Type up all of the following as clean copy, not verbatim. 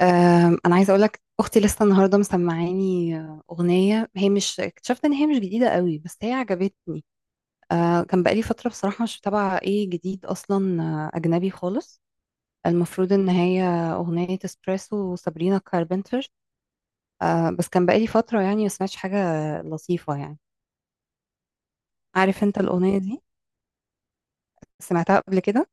انا عايزه اقول لك، اختي لسه النهارده مسمعاني اغنيه. هي مش، اكتشفت ان هي مش جديده قوي بس هي عجبتني. كان بقالي فتره بصراحه مش متابعه ايه جديد اصلا، اجنبي خالص. المفروض ان هي اغنيه اسبريسو وسابرينا كاربنتر. بس كان بقالي فتره يعني ما سمعتش حاجه لطيفه يعني. عارف انت الاغنيه دي؟ سمعتها قبل كده؟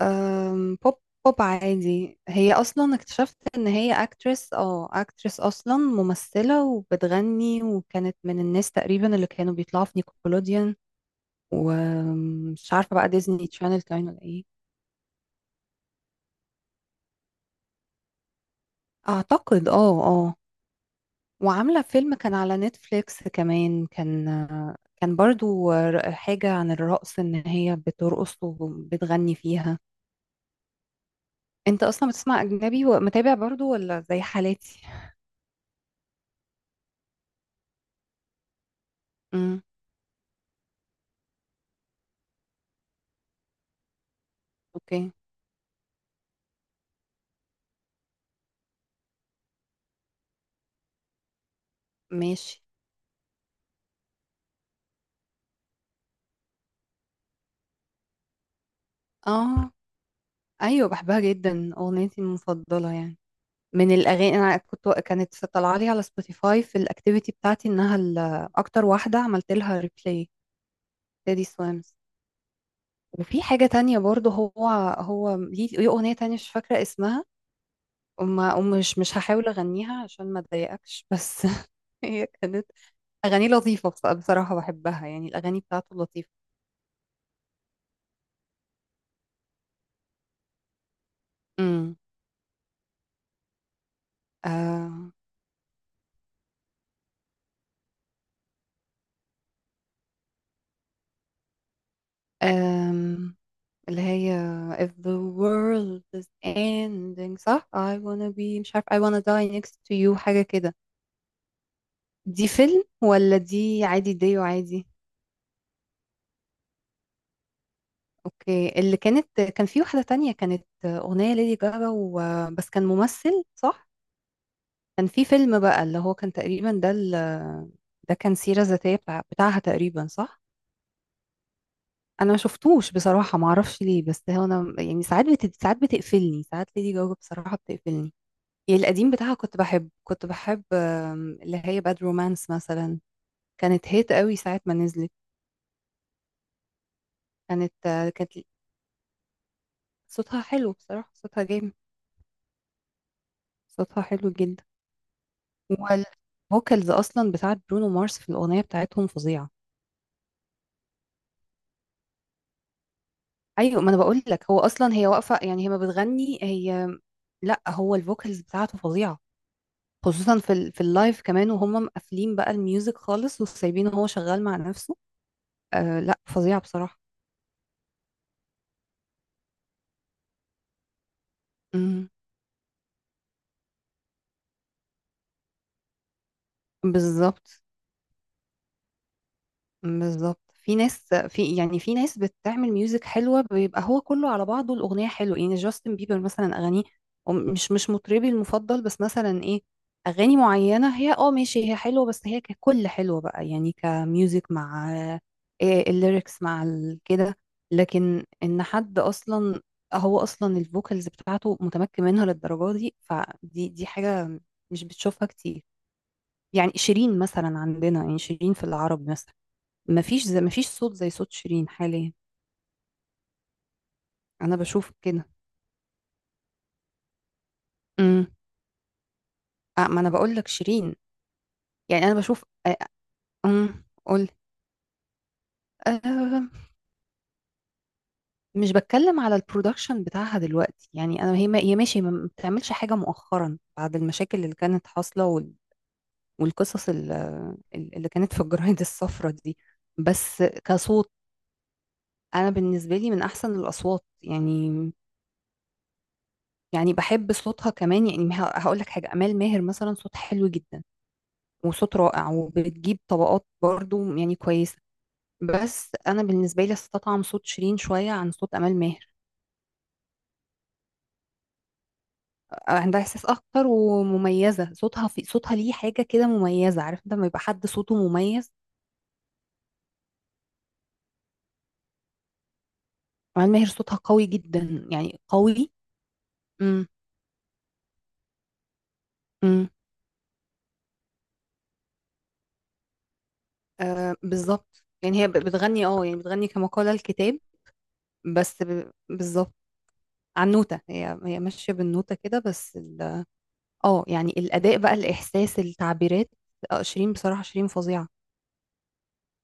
بوب. بوب عادي. هي اصلا اكتشفت ان هي اكترس اصلا ممثلة وبتغني، وكانت من الناس تقريبا اللي كانوا بيطلعوا في نيكولوديان، ومش عارفة بقى ديزني تشانل كان ولا ايه. اعتقد اه. وعاملة فيلم كان على نتفليكس كمان، كان كان برضو حاجة عن الرقص ان هي بترقص وبتغني فيها. انت اصلا بتسمع اجنبي ومتابع برضو ولا زي حالاتي؟ امم. اوكي. ماشي. اه. ايوه، بحبها جدا، اغنيتي المفضله يعني. من الاغاني، انا كانت طالعه لي على سبوتيفاي في الاكتيفيتي بتاعتي انها اكتر واحده عملت لها ريبلاي، تيدي سويمز. وفي حاجه تانية برضو، هو ليه اغنيه تانية مش فاكره اسمها، وما ومش مش هحاول اغنيها عشان ما اضايقكش بس. هي كانت اغاني لطيفه، بصراحه بحبها يعني، الاغاني بتاعته لطيفه. امم. آه. اللي هي if the world is ending، صح، I wanna be، مش عارف، I wanna die next to you، حاجة كده. دي فيلم ولا دي عادي ديو عادي؟ اوكي. اللي كانت كان في واحدة تانية كانت أغنية ليدي جاجا و... بس كان ممثل، صح؟ كان في فيلم بقى اللي هو كان تقريبا ده ال... ده كان سيرة ذاتية بتاعها تقريبا، صح؟ انا ما شفتوش بصراحة، ما اعرفش ليه، بس هو انا يعني ساعات بتقفلني، ساعات ليدي جاجا بصراحة بتقفلني. يعني القديم بتاعها كنت بحب، اللي هي باد رومانس مثلا، كانت هيت قوي ساعة ما نزلت. كانت، كانت صوتها حلو بصراحة، صوتها جامد، صوتها حلو جدا. والفوكالز أصلا بتاعت برونو مارس في الأغنية بتاعتهم فظيعة. أيوة، ما أنا بقول لك، هو أصلا، هي واقفة يعني، هي ما بتغني هي. لا، هو الفوكالز بتاعته فظيعة، خصوصا في ال... في اللايف كمان، وهم مقفلين بقى الميوزك خالص وسايبينه هو شغال مع نفسه. آه لا، فظيعة بصراحة. امم. بالظبط. بالظبط، في ناس، يعني في ناس بتعمل ميوزك حلوة، بيبقى هو كله على بعضه الأغنية حلوة، يعني جاستن بيبر مثلا أغانيه، مش مطربي المفضل، بس مثلا إيه، أغاني معينة هي، اه ماشي، هي حلوة، بس هي ككل حلوة بقى، يعني كميوزك مع إيه الليركس مع كده. لكن إن حد أصلا، هو أصلا الفوكالز بتاعته متمكن منها للدرجة دي، فدي حاجة مش بتشوفها كتير. يعني شيرين مثلا عندنا، يعني شيرين في العرب مثلا، مفيش صوت زي صوت شيرين حاليا. انا بشوف كده. امم. آه، ما انا بقول لك، شيرين. يعني انا بشوف. امم. قول. آه. مش بتكلم على البرودكشن بتاعها دلوقتي، يعني انا هي ما هي ماشي، ما بتعملش حاجه مؤخرا بعد المشاكل اللي كانت حاصله، والقصص اللي كانت في الجرايد الصفراء دي. بس كصوت، انا بالنسبه لي من احسن الاصوات يعني. يعني بحب صوتها كمان. يعني هقول لك حاجه، امال ماهر مثلا صوت حلو جدا وصوت رائع، وبتجيب طبقات برضو يعني كويسة، بس أنا بالنسبة لي استطعم صوت شيرين شوية عن صوت أمال ماهر. عندها إحساس أكتر، ومميزة صوتها، في صوتها ليه حاجة كده مميزة، عارف لما يبقى حد صوته مميز. أمال ماهر صوتها قوي جدا، يعني قوي. امم. امم. آه، بالظبط. يعني هي بتغني اه، يعني بتغني كما قال الكتاب، بس بالظبط على النوتة، هي هي ماشية بالنوتة كده، بس اه، يعني الأداء بقى، الإحساس، التعبيرات. شيرين بصراحة، شيرين فظيعة.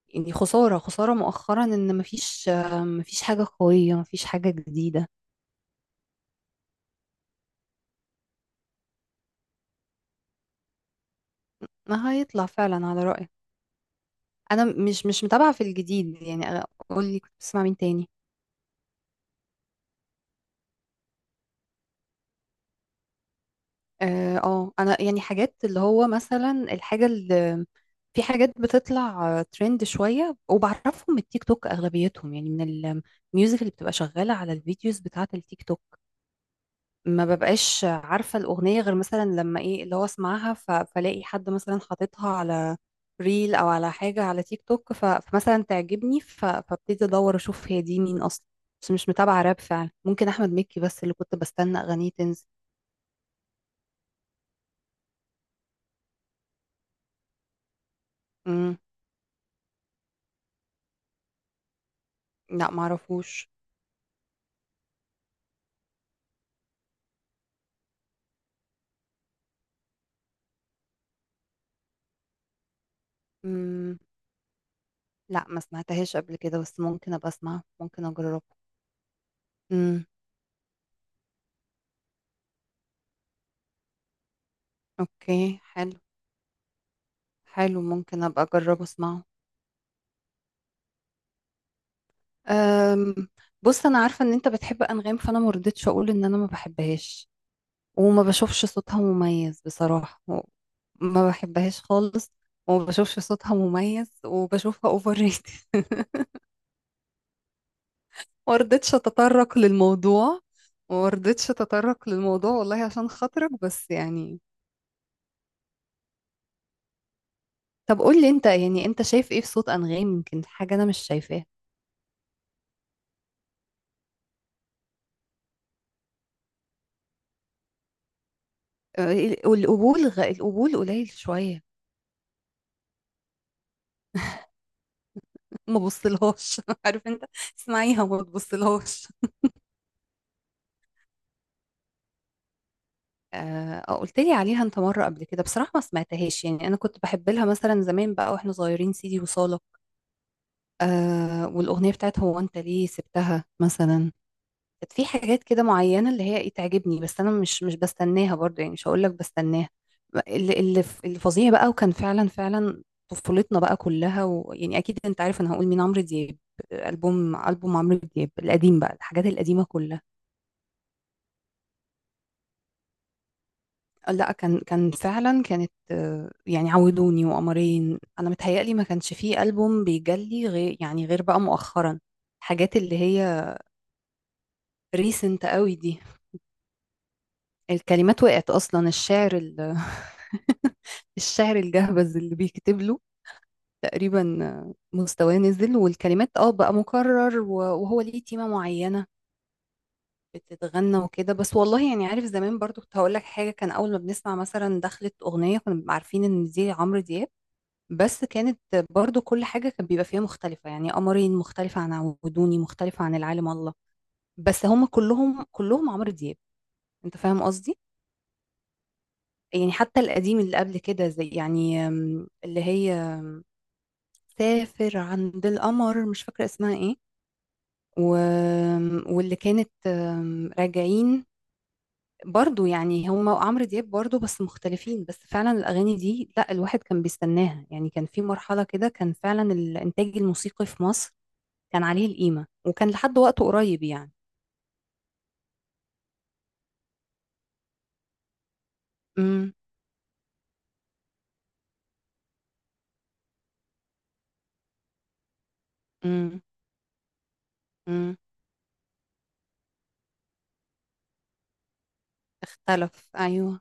يعني خسارة، خسارة مؤخرا ان مفيش، مفيش حاجة قوية، مفيش حاجة جديدة. ما هيطلع فعلا على رأيك. انا مش متابعة في الجديد يعني. قولي كنت بتسمع مين تاني. اه، انا يعني حاجات، اللي هو مثلا الحاجة اللي، في حاجات بتطلع ترند شوية وبعرفهم من التيك توك اغلبيتهم، يعني من الميوزك اللي بتبقى شغالة على الفيديوز بتاعة التيك توك. ما ببقاش عارفة الأغنية غير مثلا لما إيه، اللي هو أسمعها فلاقي حد مثلا حاططها على ريل أو على حاجة على تيك توك، فمثلا تعجبني، فابتدي أدور أشوف هي دي مين أصلا. بس مش متابعة راب فعلا، ممكن أحمد مكي بس اللي كنت بستنى أغانيه تنزل. مم. لا معرفوش. مم. لا، ما سمعتهاش قبل كده، بس ممكن أبقى أسمع، ممكن أجربه. مم. أوكي، حلو. حلو، ممكن أبقى أجربه أسمعه. أم، بص انا عارفه ان انت بتحب انغام، فانا ما رضيتش اقول ان انا ما بحبهاش وما بشوفش صوتها مميز بصراحه و- ما بحبهاش خالص، وما بشوفش صوتها مميز، وبشوفها اوفر ريتد. ما رضيتش اتطرق للموضوع، وما رضيتش اتطرق للموضوع والله عشان خاطرك، بس يعني طب قول لي انت، يعني انت شايف ايه في صوت انغام، يمكن حاجه انا مش شايفاها. أه، القبول القبول قليل شويه. ما بصلهاش. عارف انت، اسمعيها وما تبصلهاش. قلت لي عليها انت مره قبل كده، بصراحه ما سمعتهاش. يعني انا كنت بحب لها مثلا زمان بقى واحنا صغيرين سيدي وصالك. آه، والاغنيه بتاعت هو انت ليه سبتها مثلا. كانت في حاجات كده معينه اللي هي ايه تعجبني، بس انا مش بستناها برضو، يعني مش هقول لك بستناها. اللي فظيع بقى وكان فعلا فعلا طفولتنا بقى كلها، ويعني اكيد انت عارف انا هقول مين، عمرو دياب. البوم عمرو دياب القديم بقى، الحاجات القديمه كلها. لا، كان كان فعلا كانت، يعني عودوني وقمرين، انا متهيألي ما كانش فيه ألبوم بيجلي غير، يعني غير بقى مؤخرا، الحاجات اللي هي ريسنت قوي دي. الكلمات وقعت اصلا، الشعر الشعر الجهبذ اللي بيكتب له، تقريبا مستواه نزل، والكلمات اه بقى مكرر، و- وهو ليه تيمة معينة بتتغنى وكده بس والله. يعني عارف زمان برضو، كنت هقول لك حاجة، كان اول ما بنسمع مثلا دخلت أغنية كنا بنبقى عارفين ان دي عمرو دياب، بس كانت برضو كل حاجة كان بيبقى فيها مختلفة، يعني قمرين مختلفة عن عودوني مختلفة عن العالم الله، بس هم كلهم عمرو دياب. انت فاهم قصدي؟ يعني حتى القديم اللي قبل كده، زي يعني، اللي هي سافر عند القمر، مش فاكرة اسمها ايه، و... واللي كانت، راجعين، برضو يعني هم وعمرو دياب برضو، بس مختلفين. بس فعلا الأغاني دي لا، الواحد كان بيستناها يعني. كان في مرحلة كده كان فعلا الإنتاج الموسيقي في مصر كان عليه القيمة، وكان لحد وقته قريب يعني. امم. امم. امم. اختلف، ايوه.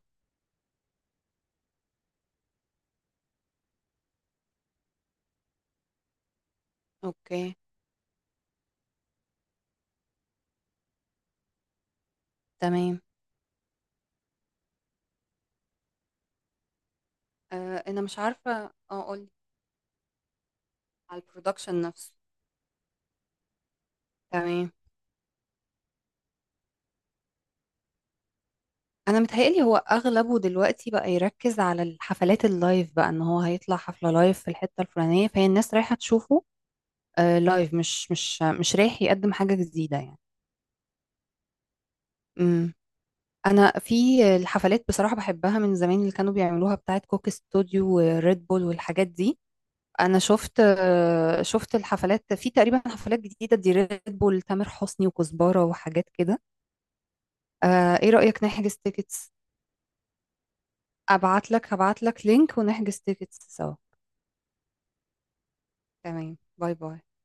اوكي. تمام. آه، انا مش عارفة اقول. على البرودكشن نفسه. تمام. انا متهيألي هو اغلبه دلوقتي بقى يركز على الحفلات اللايف بقى، ان هو هيطلع حفلة لايف في الحتة الفلانية فهي الناس رايحة تشوفه. آه لايف، مش رايح يقدم حاجة جديدة يعني. امم. انا في الحفلات بصراحة بحبها من زمان، اللي كانوا بيعملوها بتاعت كوك استوديو وريد بول والحاجات دي. انا شفت، شفت الحفلات في تقريبا حفلات جديده دي ريد بول تامر حسني وكزبره وحاجات كده. ايه رايك نحجز تيكتس؟ ابعت لك، هبعت لك لينك ونحجز تيكتس سوا. تمام، باي باي.